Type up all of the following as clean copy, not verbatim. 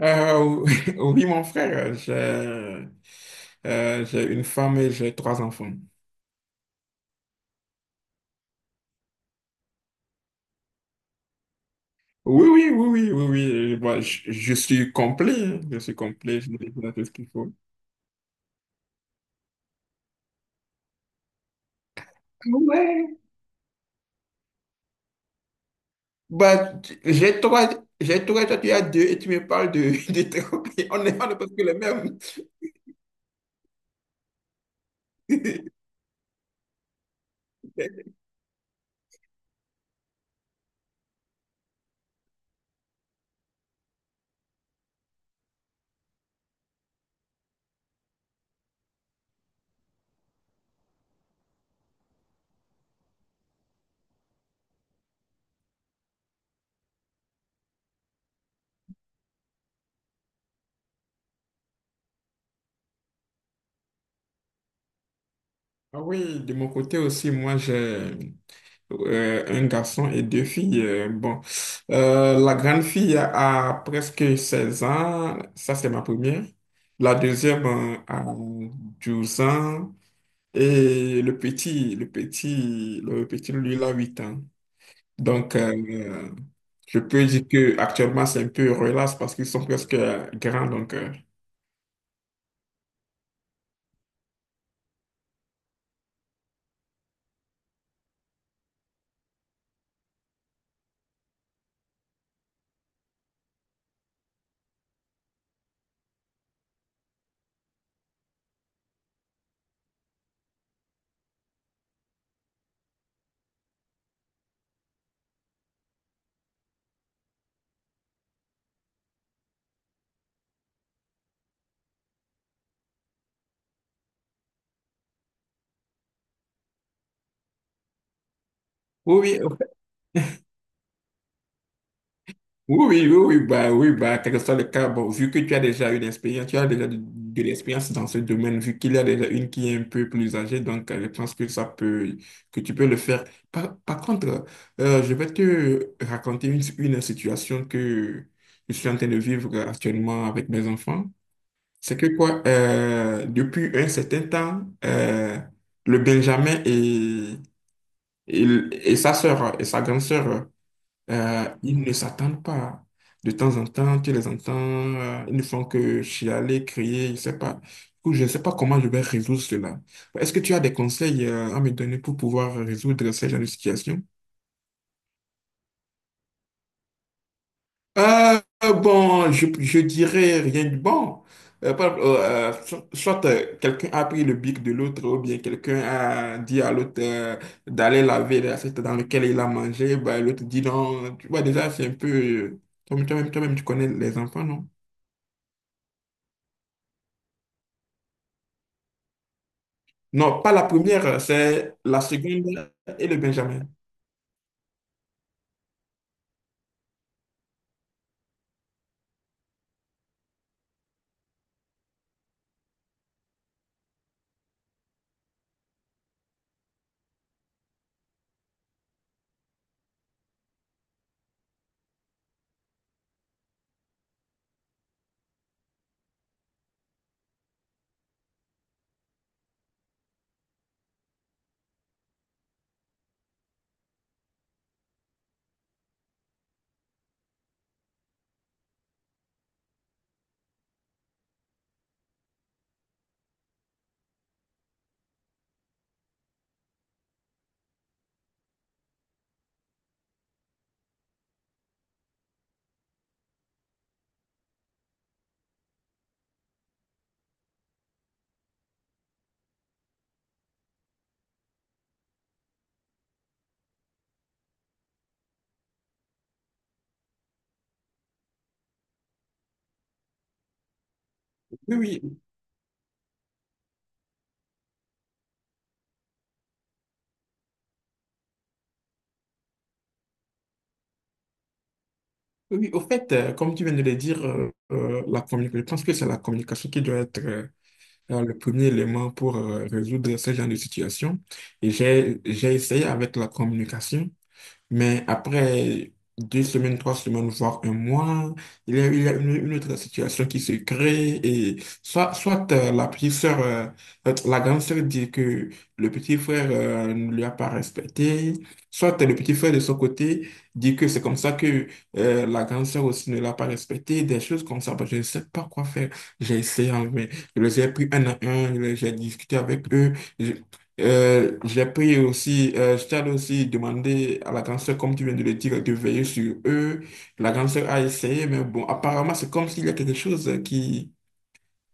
Euh, oui, mon frère, j'ai une femme et j'ai trois enfants. Oui, oui, oui, oui, oui, oui. Bah, je suis complet, hein. Je suis complet, je tout ce qu'il faut. Ouais. Bah, j'ai trois, toi tu as deux et tu me parles de, de trois. On est presque les mêmes. Ah oui, de mon côté aussi, moi j'ai un garçon et deux filles. Bon, la grande fille a presque 16 ans, ça c'est ma première. La deuxième a 12 ans et le petit lui il a 8 ans. Donc, je peux dire que actuellement c'est un peu relax parce qu'ils sont presque grands donc. Oui, oui, Oui, oui, bah, oui, bah, quel que soit le cas, bon, vu que tu as déjà eu expérience, tu as déjà de l'expérience dans ce domaine, vu qu'il y a déjà une qui est un peu plus âgée, donc je pense que tu peux le faire. Par contre, je vais te raconter une situation que je suis en train de vivre actuellement avec mes enfants. C'est que quoi, depuis un certain temps, le Benjamin et, et sa sœur, et sa grande sœur, ils ne s'attendent pas. De temps en temps, tu les entends, ils ne font que chialer, crier, je ne sais pas. Du coup, je ne sais pas comment je vais résoudre cela. Est-ce que tu as des conseils, à me donner pour pouvoir résoudre ce genre de situation? Euh, bon, je dirais rien de bon. Soit quelqu'un a pris le bic de l'autre ou bien quelqu'un a dit à l'autre d'aller laver l'assiette dans laquelle il a mangé, bah, l'autre dit non. Tu vois, déjà, c'est un peu... Toi-même, toi-même, toi-même, tu connais les enfants, non? Non, pas la première, c'est la seconde et le Benjamin. Oui, oui, oui, oui. Au fait, comme tu viens de le dire, la communication, je pense que c'est la communication qui doit être le premier élément pour résoudre ce genre de situation. Et j'ai essayé avec la communication. Mais après deux semaines, trois semaines, voire un mois, il y a une autre situation qui se crée et soit la grande sœur dit que le petit frère ne lui a pas respecté, soit le petit frère de son côté dit que c'est comme ça que la grande sœur aussi ne l'a pas respecté, des choses comme ça. Bah, je ne sais pas quoi faire. J'ai essayé, hein, mais je les ai pris un à un, j'ai discuté avec eux. J'ai pris aussi, je t'avais aussi demandé à la grande sœur, comme tu viens de le dire, de veiller sur eux. La grande sœur a essayé, mais bon, apparemment, c'est comme s'il y a quelque chose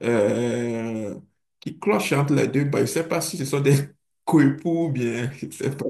euh, qui cloche entre les deux. Bah, je sais pas si ce sont des coépoux ou bien, je sais pas.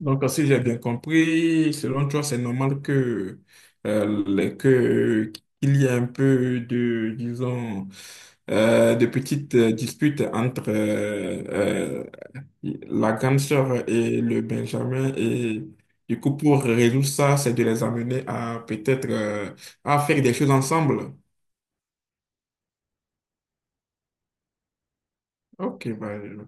Donc, si j'ai bien compris, selon toi, c'est normal que, euh, les- que, qu'il y ait un peu de, disons, de petites disputes entre la grande sœur et le Benjamin. Et du coup, pour résoudre ça, c'est de les amener à peut-être à faire des choses ensemble. Ok, bah,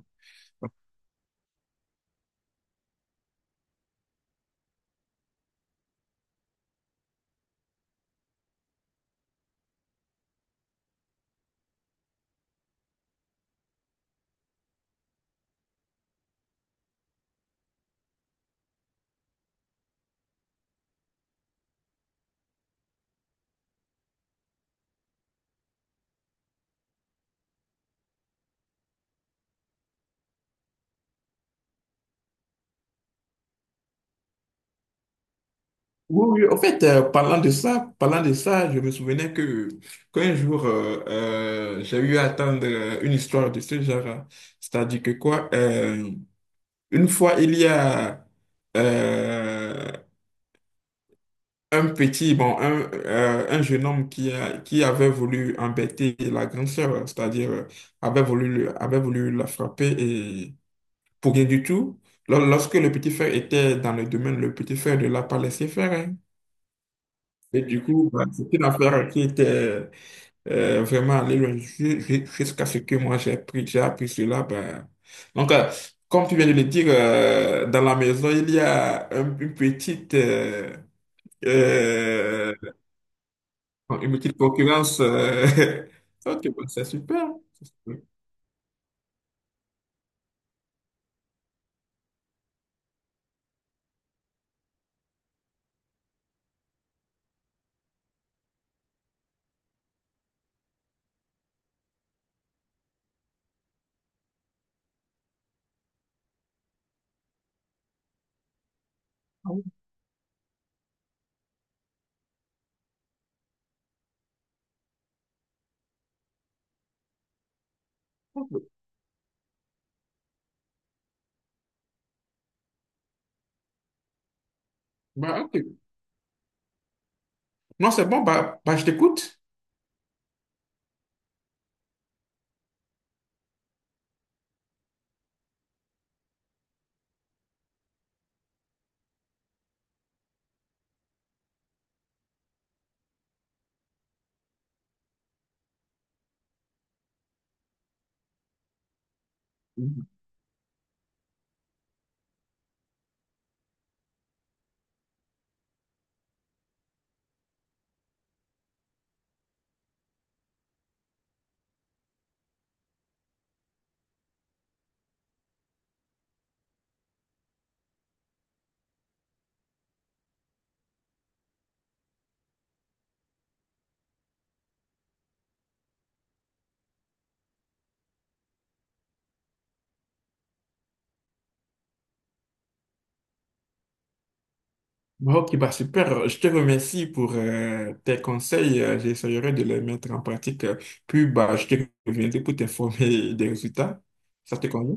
oui, oui, en fait, parlant de ça, je me souvenais que qu'un jour, j'ai eu à attendre une histoire de ce genre. Hein. C'est-à-dire que quoi, une fois, il y a euh, un petit, bon, un jeune homme qui, qui avait voulu embêter la grande sœur, c'est-à-dire avait avait voulu la frapper et pour rien du tout. Lorsque le petit frère était dans le domaine, le petit frère ne l'a pas laissé faire. Hein. Et du coup, bah, c'est une affaire qui était vraiment allée loin jusqu'à ce que moi j'ai appris cela. Bah. Donc, comme tu viens de le dire, dans la maison, il y a une petite... euh, bon, une petite concurrence. Ok, bon, c'est super. C'est super. Ah oui, ok. Bah, ok. Non, c'est bon, bah, bah, je t'écoute. Mhm. Bah, ok, bah, super. Je te remercie pour tes conseils. J'essaierai de les mettre en pratique. Puis, bah, je te reviendrai pour t'informer des résultats. Ça te convient?